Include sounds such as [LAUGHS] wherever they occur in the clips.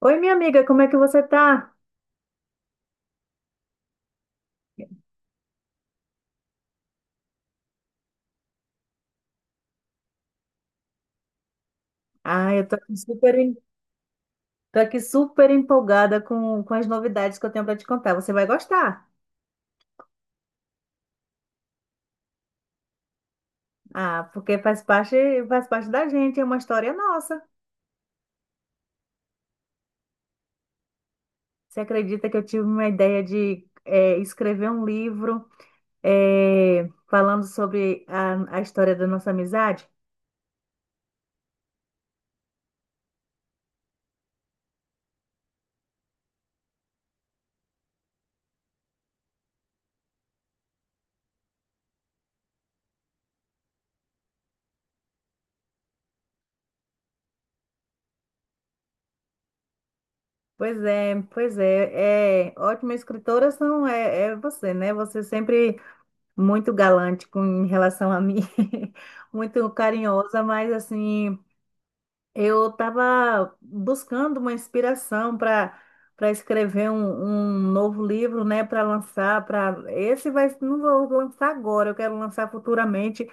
Oi, minha amiga, como é que você tá? Ah, eu tô aqui super, tô aqui super empolgada com as novidades que eu tenho para te contar. Você vai gostar. Ah, porque faz parte da gente, é uma história nossa. Você acredita que eu tive uma ideia de escrever um livro falando sobre a história da nossa amizade? Pois é, é ótima escritora são é, é você, né? Você sempre muito galante com em relação a mim, [LAUGHS] muito carinhosa, mas assim, eu estava buscando uma inspiração para para escrever um novo livro, né, para lançar, para esse vai não vou lançar agora, eu quero lançar futuramente,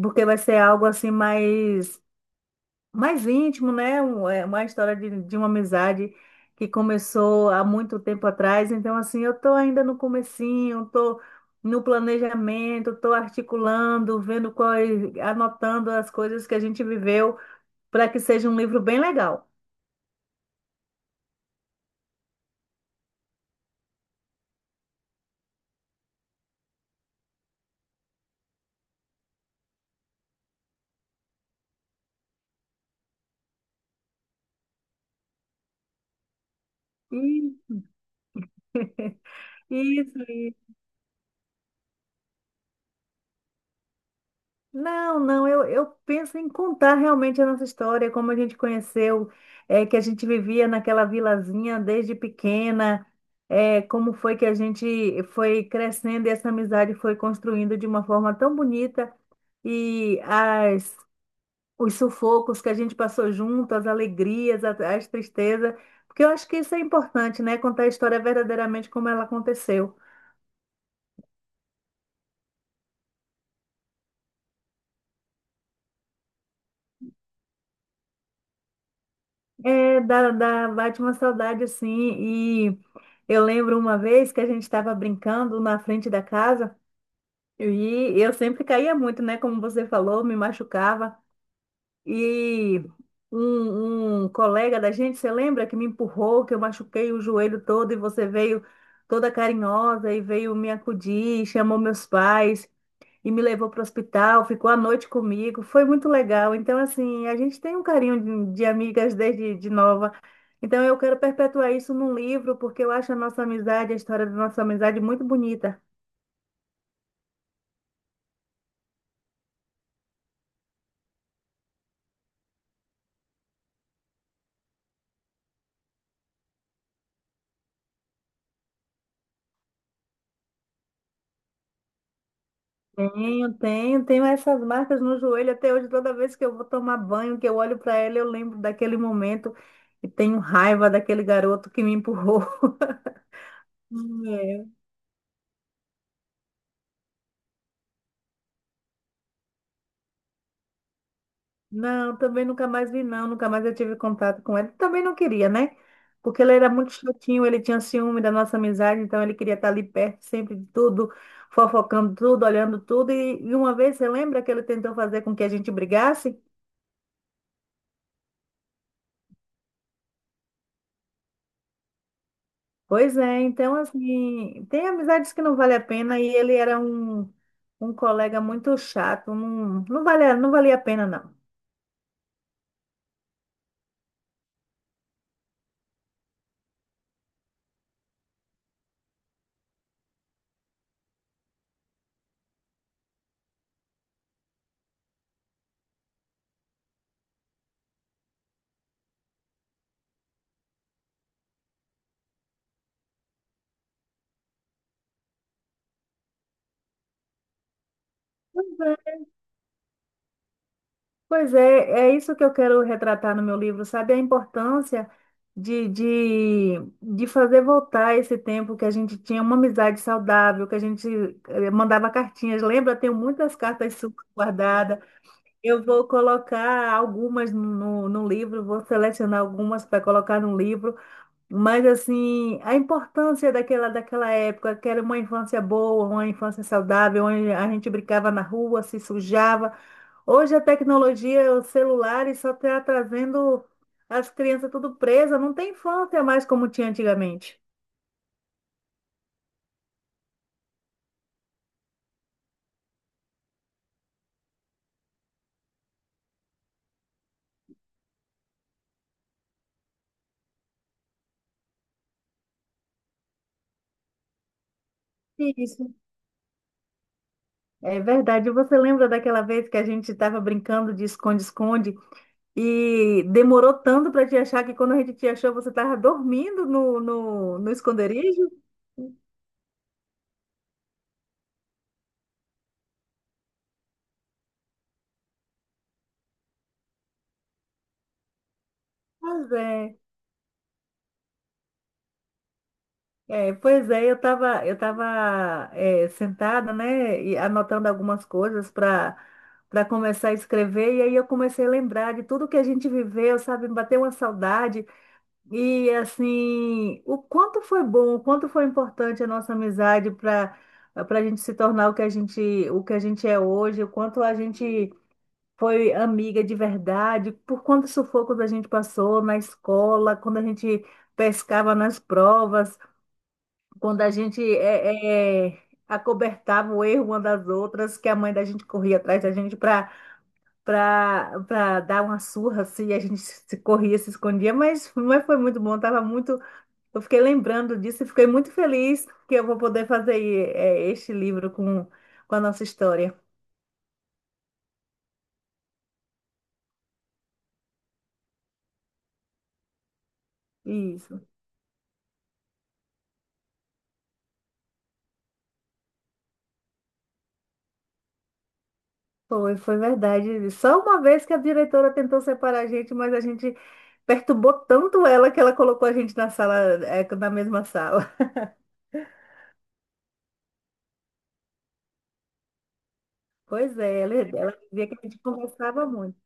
porque vai ser algo assim mais mais íntimo, né? Uma história de uma amizade que começou há muito tempo atrás. Então, assim, eu estou ainda no comecinho, estou no planejamento, estou articulando, vendo quais, anotando as coisas que a gente viveu para que seja um livro bem legal. E- Isso. Não, não, eu penso em contar realmente a nossa história, como a gente conheceu, é, que a gente vivia naquela vilazinha desde pequena, é, como foi que a gente foi crescendo e essa amizade foi construindo de uma forma tão bonita e as, os sufocos que a gente passou junto, as alegrias, as tristezas, porque eu acho que isso é importante, né? Contar a história verdadeiramente como ela aconteceu. É, dá, dá, bate uma saudade assim. E eu lembro uma vez que a gente estava brincando na frente da casa e eu sempre caía muito, né? Como você falou, me machucava. E um colega da gente, você lembra que me empurrou, que eu machuquei o joelho todo e você veio toda carinhosa e veio me acudir, chamou meus pais e me levou para o hospital, ficou a noite comigo, foi muito legal. Então, assim, a gente tem um carinho de amigas desde de nova. Então, eu quero perpetuar isso num livro, porque eu acho a nossa amizade, a história da nossa amizade muito bonita. Tenho, tenho, tenho essas marcas no joelho até hoje. Toda vez que eu vou tomar banho, que eu olho para ela, eu lembro daquele momento e tenho raiva daquele garoto que me empurrou. [LAUGHS] Não, também nunca mais vi, não. Nunca mais eu tive contato com ele. Também não queria, né? Porque ele era muito chatinho, ele tinha ciúme da nossa amizade, então ele queria estar ali perto sempre de tudo, fofocando tudo, olhando tudo. E, uma vez, você lembra que ele tentou fazer com que a gente brigasse? Pois é, então, assim, tem amizades que não vale a pena e ele era um, um colega muito chato, não, não valia, não valia a pena, não. Pois é, é isso que eu quero retratar no meu livro, sabe? A importância de, de, de fazer voltar esse tempo que a gente tinha uma amizade saudável, que a gente mandava cartinhas. Lembra? Tenho muitas cartas suas guardadas. Eu vou colocar algumas no livro, vou selecionar algumas para colocar no livro. Mas assim, a importância daquela, daquela época, que era uma infância boa, uma infância saudável, onde a gente brincava na rua, se sujava. Hoje a tecnologia, os celulares só está trazendo as crianças tudo presas, não tem infância mais como tinha antigamente. Isso. É verdade. Você lembra daquela vez que a gente estava brincando de esconde-esconde e demorou tanto para te achar que quando a gente te achou, você estava dormindo no esconderijo? Pois é. É, pois é, eu tava sentada, né, e anotando algumas coisas para para começar a escrever, e aí eu comecei a lembrar de tudo que a gente viveu, sabe, me bateu uma saudade, e assim, o quanto foi bom, o quanto foi importante a nossa amizade para para a gente se tornar o que a gente, o que a gente é hoje, o quanto a gente foi amiga de verdade, por quantos sufocos a gente passou na escola, quando a gente pescava nas provas. Quando a gente acobertava o erro uma das outras, que a mãe da gente corria atrás da gente para para dar uma surra, assim, e a gente se corria, se escondia, mas foi muito bom, tava muito, eu fiquei lembrando disso e fiquei muito feliz que eu vou poder fazer este livro com a nossa história. Isso, foi, foi verdade. Só uma vez que a diretora tentou separar a gente, mas a gente perturbou tanto ela que ela colocou a gente na sala, é, na mesma sala. Pois é, ela dizia que a gente conversava muito.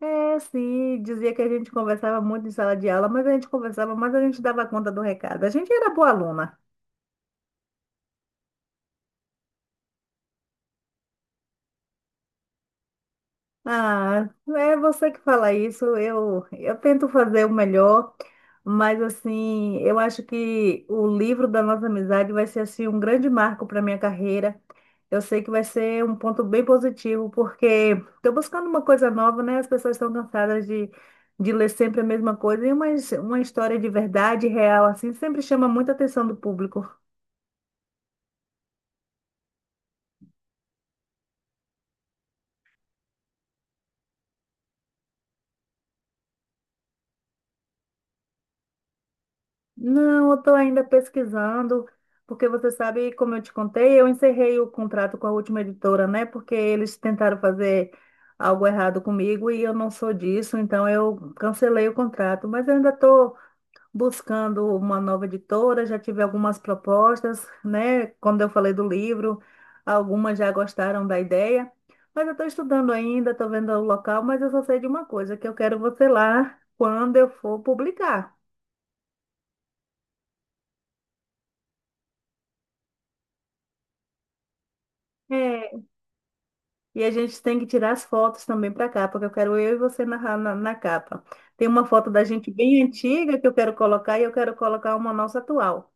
É, sim, dizia que a gente conversava muito em sala de aula, mas a gente conversava, mas a gente dava conta do recado. A gente era boa aluna. Ah, é você que fala isso. Eu tento fazer o melhor, mas assim, eu acho que o livro da nossa amizade vai ser assim um grande marco para minha carreira. Eu sei que vai ser um ponto bem positivo, porque estou buscando uma coisa nova, né? As pessoas estão cansadas de ler sempre a mesma coisa, e uma história de verdade, real, assim, sempre chama muita atenção do público. Não, eu estou ainda pesquisando, porque você sabe, como eu te contei, eu encerrei o contrato com a última editora, né? Porque eles tentaram fazer algo errado comigo e eu não sou disso, então eu cancelei o contrato. Mas eu ainda estou buscando uma nova editora, já tive algumas propostas, né? Quando eu falei do livro, algumas já gostaram da ideia, mas eu estou estudando ainda, estou vendo o local, mas eu só sei de uma coisa, que eu quero você lá quando eu for publicar. E a gente tem que tirar as fotos também para cá, porque eu quero eu e você na capa. Tem uma foto da gente bem antiga que eu quero colocar e eu quero colocar uma nossa atual.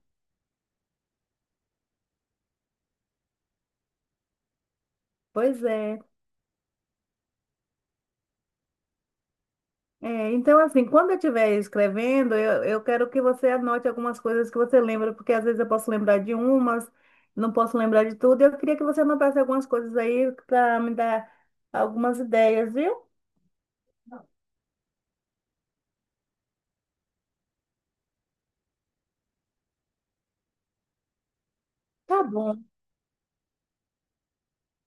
Pois é. É, então, assim, quando eu estiver escrevendo, eu quero que você anote algumas coisas que você lembra, porque às vezes eu posso lembrar de umas, não posso lembrar de tudo. Eu queria que você anotasse algumas coisas aí para me dar algumas ideias, viu? Tá bom.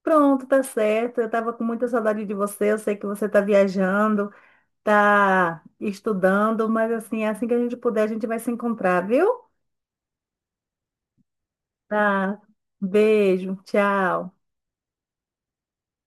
Pronto, tá certo. Eu estava com muita saudade de você, eu sei que você está viajando. Tá estudando, mas assim, assim que a gente puder, a gente vai se encontrar, viu? Tá. Beijo, tchau.